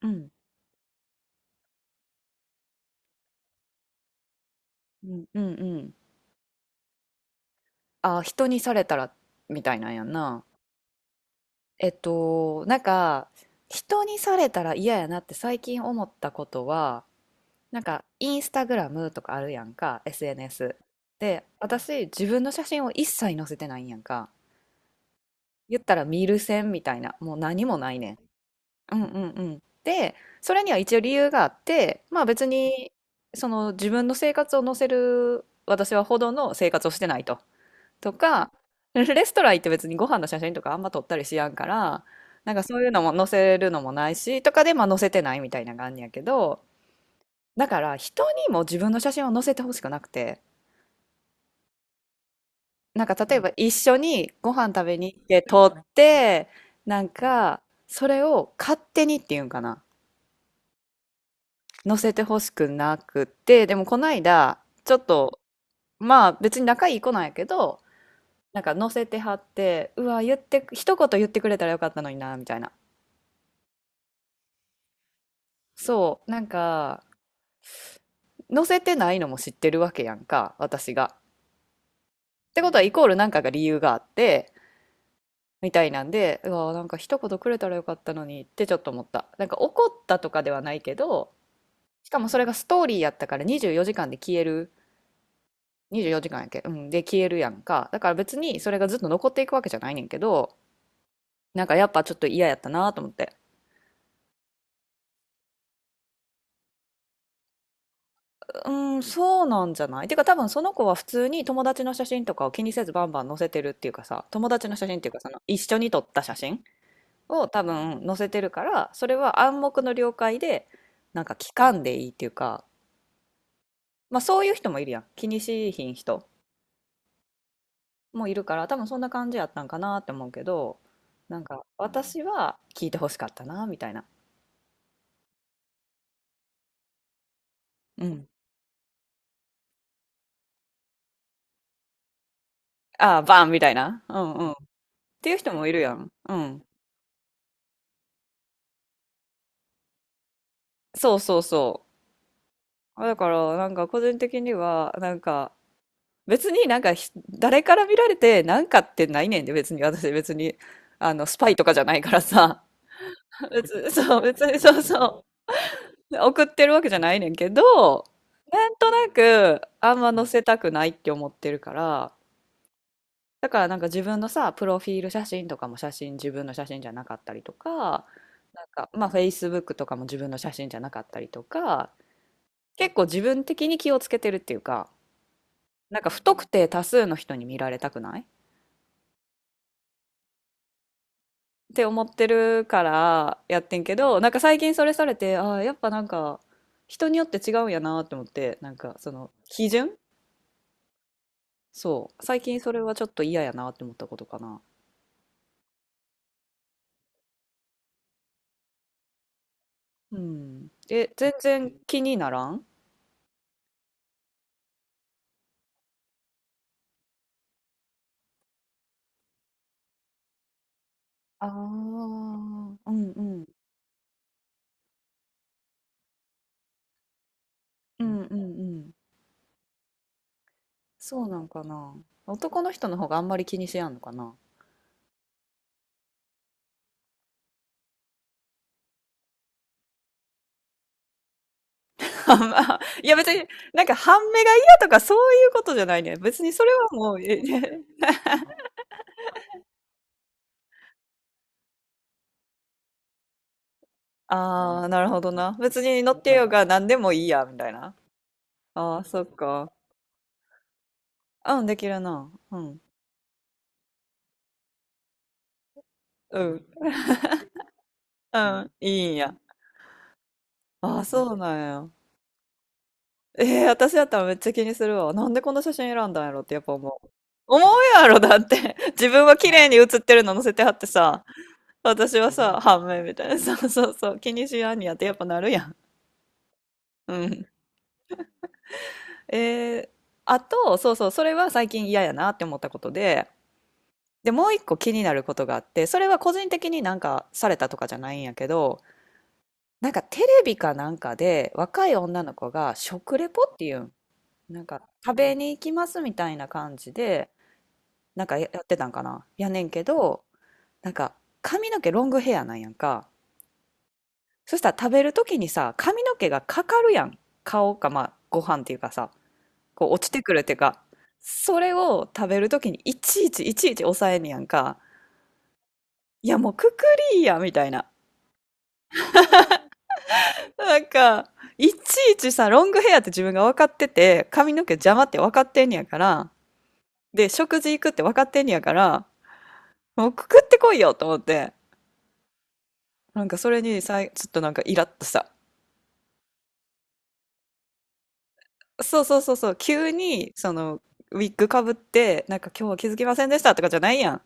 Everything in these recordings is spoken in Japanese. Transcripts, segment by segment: うん。うんうんうん。あ、人にされたらみたいなんやんな。なんか人にされたら嫌やなって最近思ったことは、なんかインスタグラムとかあるやんか。 SNS で私自分の写真を一切載せてないんやんか。言ったら見る線みたいなもう何もないねん。うんうんうん。で、それには一応理由があって、まあ別にその自分の生活を載せる私はほどの生活をしてないと、とか、レストラン行って別にご飯の写真とかあんま撮ったりしやんから、なんかそういうのも載せるのもないし、とかでまあ載せてないみたいな感じやけど、だから人にも自分の写真を載せてほしくなくて、なんか例えば一緒にご飯食べに行って撮って、なんかそれを勝手にっていうんかな、載せてほしくなくて、でもこの間、ちょっと、まあ別に仲いい子なんやけど、なんか載せてはって、うわ、言って、一言言ってくれたらよかったのにな、みたいな。そう、なんか、載せてないのも知ってるわけやんか、私が。ってことは、イコールなんかが理由があって、みたいなんで、うわ、なんか一言くれたらよかったのにってちょっと思った。なんか怒ったとかではないけど、しかもそれがストーリーやったから24時間で消える。24時間やっけ、うん、で消えるやんか。だから別にそれがずっと残っていくわけじゃないねんけど、なんかやっぱちょっと嫌やったなと思って。うん、そうなんじゃない、てか多分その子は普通に友達の写真とかを気にせずバンバン載せてるっていうかさ、友達の写真っていうかその一緒に撮った写真を多分載せてるから、それは暗黙の了解で、なんか聞かんでいいっていうか、まあそういう人もいるやん。気にしいひん人もいるから、多分そんな感じやったんかなって思うけど、なんか私は聞いてほしかったな、みたいな。うん。ああ、バンみたいな。うんうん。っていう人もいるやん。うん。そうそうそう。あ、だからなんか個人的にはなんか、別になんか誰から見られてなんかってないねんで。別に私別にあのスパイとかじゃないからさ。 別にそう、別にそうそう送ってるわけじゃないねんけど、なんとなくあんま載せたくないって思ってるから、だからなんか自分のさプロフィール写真とかも写真自分の写真じゃなかったりとか、なんかまあ Facebook とかも自分の写真じゃなかったりとか、結構自分的に気をつけてるっていうか、なんか不特定多数の人に見られたくないって思ってるからやってんけど、なんか最近それされて、ああ、やっぱなんか人によって違うんやなって思って、なんかその基準、そう。最近それはちょっと嫌やなって思ったことかな。うん。え、全然気にならん。ああ、うんうん。うんうんうん。そうなんかな。男の人の方があんまり気にしやんのかな。あんまいや別に、なんか半目が嫌とかそういうことじゃないね。別にそれはもう、え。 ああ、なるほどな。別に乗ってようが何でもいいや、みたいな。ああ、そっか。うん、できるな。うん。ううん。んうんうん、いいんや。ああ、そうなんや。ええ、私だったらめっちゃ気にするわ。なんでこの写真選んだんやろってやっぱ思う。思うやろ、だって。自分は綺麗に写ってるの載せてはってさ、私はさ、半面みたいな。そうそうそう。気にしやんにやってやっぱなるやん。うん。えー、あと、そうそう、それは最近嫌やなって思ったことで、で、もう一個気になることがあって、それは個人的になんかされたとかじゃないんやけど、なんかテレビかなんかで若い女の子が食レポっていうん、なんか食べに行きますみたいな感じで、なんかやってたんかな。やねんけど、なんか髪の毛ロングヘアなんやんか。そしたら食べる時にさ、髪の毛がかかるやん。顔か、まあご飯っていうかさ、こう落ちてくるっていうか、それを食べる時にいちいちいちいち抑えんねやんか。いやもうくくりーやみたいな。なんか、いちいちさ、ロングヘアって自分が分かってて、髪の毛邪魔って分かってんねやから、で、食事行くって分かってんねやから、もうくくってこいよと思って、なんかそれにさい、ちょっとなんかイラッとした。そうそうそうそう、急に、その、ウィッグかぶって、なんか今日は気づきませんでしたとかじゃないやん。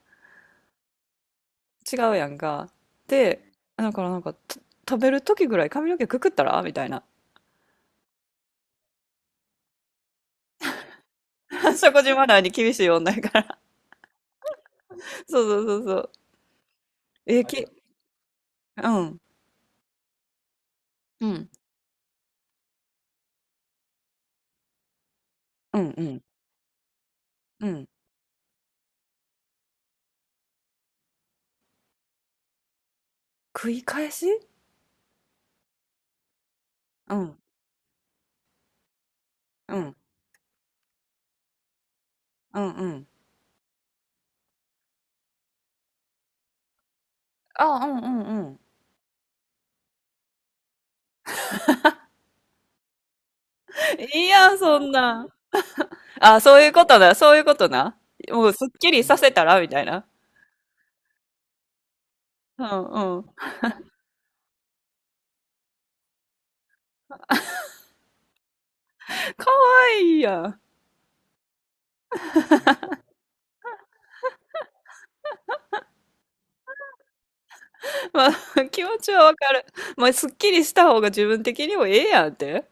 違うやんか。で、だからなんか、食べる時ぐらい髪の毛くくったらみたいな。食事マナーに厳しい女やから。そうそうそうそう。え、き、うん。うん。うんうん。うん。繰り返し、うん、うん、うん、うん。あ、うん、うん、うん。いいやん、そんな。あ、そういうことな、そういうことな。もうすっきりさせたらみたいな。うん、うん。かわいいやん。まあ、気持ちはわかる。まあ、すっきりした方が自分的にもええやんって。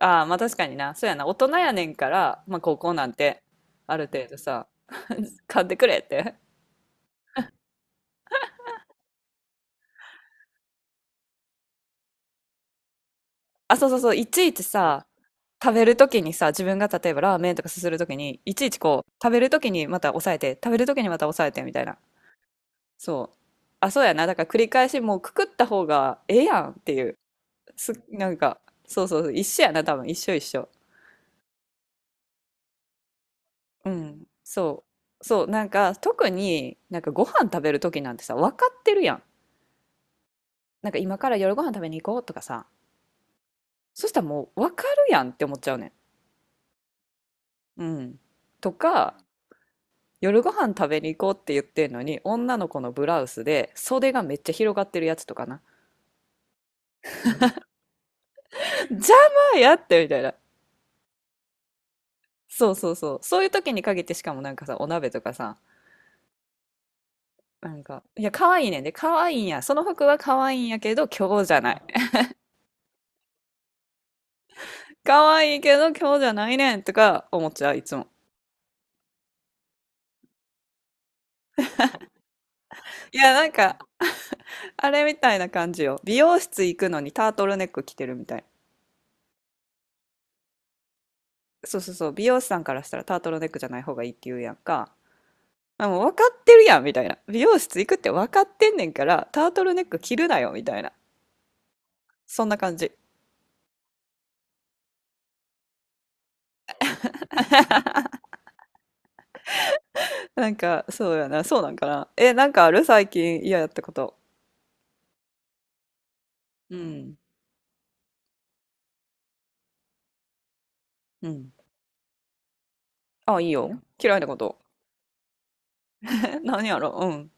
ああ、まあ確かにな。そうやな。大人やねんから、まあ高校なんて、ある程度さ、買ってくれって。あ、そうそうそう、いちいちさ、食べるときにさ、自分が例えばラーメンとかすするときに、いちいちこう、食べるときにまた抑えて、食べるときにまた抑えてみたいな。そう。あ、そうやな。だから繰り返しもうくくった方がええやんっていう。なんか、そうそうそう、一緒やな、多分。一緒一緒。うん。そう。そう、なんか、特になんかご飯食べるときなんてさ、分かってるやん。なんか今から夜ご飯食べに行こうとかさ、そしたらもう分かるやんって思っちゃうねん。うん。とか、夜ご飯食べに行こうって言ってんのに、女の子のブラウスで袖がめっちゃ広がってるやつとかな。邪魔やってみたいな。そうそうそう。そういう時に限ってしかもなんかさ、お鍋とかさ、なんか、いや、可愛いねんで、可愛いんや。その服は可愛いんやけど、今日じゃない。可愛いけど、今日じゃないねんとか思っちゃう、いつも。いや、なんか、あれみたいな感じよ。美容室行くのにタートルネック着てるみたい。そうそうそう。美容師さんからしたらタートルネックじゃない方がいいって言うやんか。あ、もう分かってるやんみたいな。美容室行くって分かってんねんから、タートルネック着るなよみたいな。そんな感じ。なんか、そうやな、そうなんかな。え、なんかある最近嫌やったこと。うん。うん。あ、いいよ。嫌いなこと。え、何やろう。ん。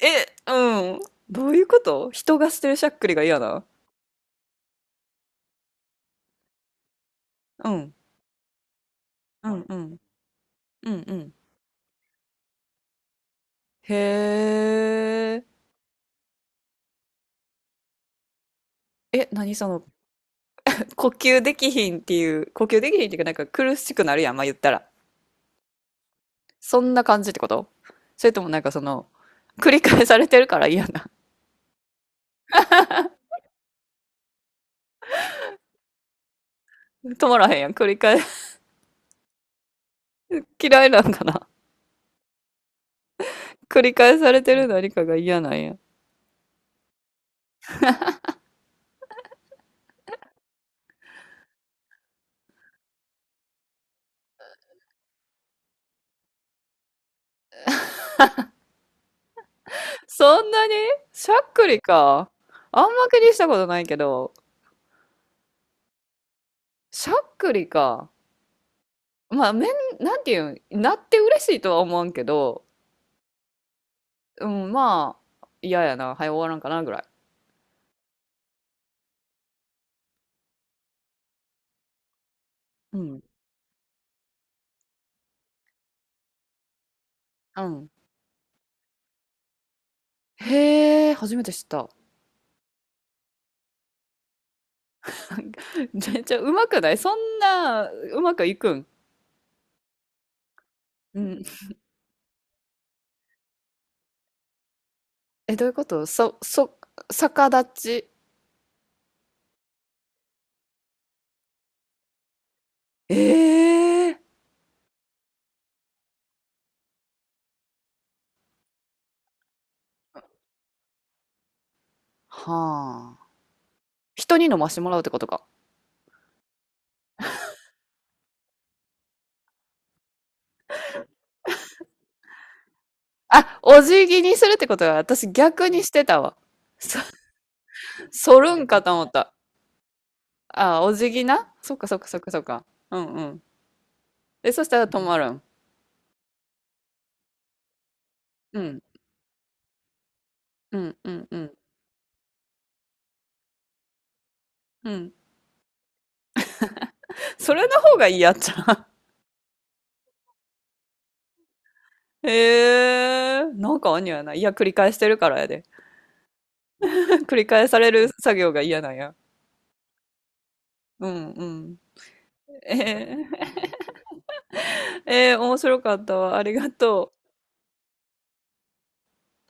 え、うん。どういうこと、人がしてるしゃっくりが嫌な。うん。うん、うん。うん、うん。へえ。え、何その、呼吸できひんっていう、呼吸できひんっていうか、なんか苦しくなるやん、まあ言ったら。そんな感じってこと、それともなんかその、繰り返されてるから嫌な。止まらへんやん。繰り返、嫌いなんかな。繰り返されてる何かが嫌なんや。そんなにしゃっくりか。あんま気にしたことないけど、しゃっくりか。まあ、なんていうん、なって嬉しいとは思わんけど、うん、まあ、嫌やな。はい、終わらんかなぐらい。うん。うん。へえ、初めて知った。めっちゃうまくない、そんな、うまくいくん。うん。え、どういうこと、逆立ち。ええー。はあ。人に飲ましてもらうってことか。あ、お辞儀にするってことは、私逆にしてたわ。そ、そるんかと思った。あ、お辞儀な、そっかそっかそっかそっか。うんうん。え、そしたら止まるん。うん。うんうんうん。うん。それの方がいいやっちゃう。ええー、なんかにやない。いや、繰り返してるからやで。繰り返される作業が嫌なんや。うんうん。えええー、面白かったわ。ありがとう。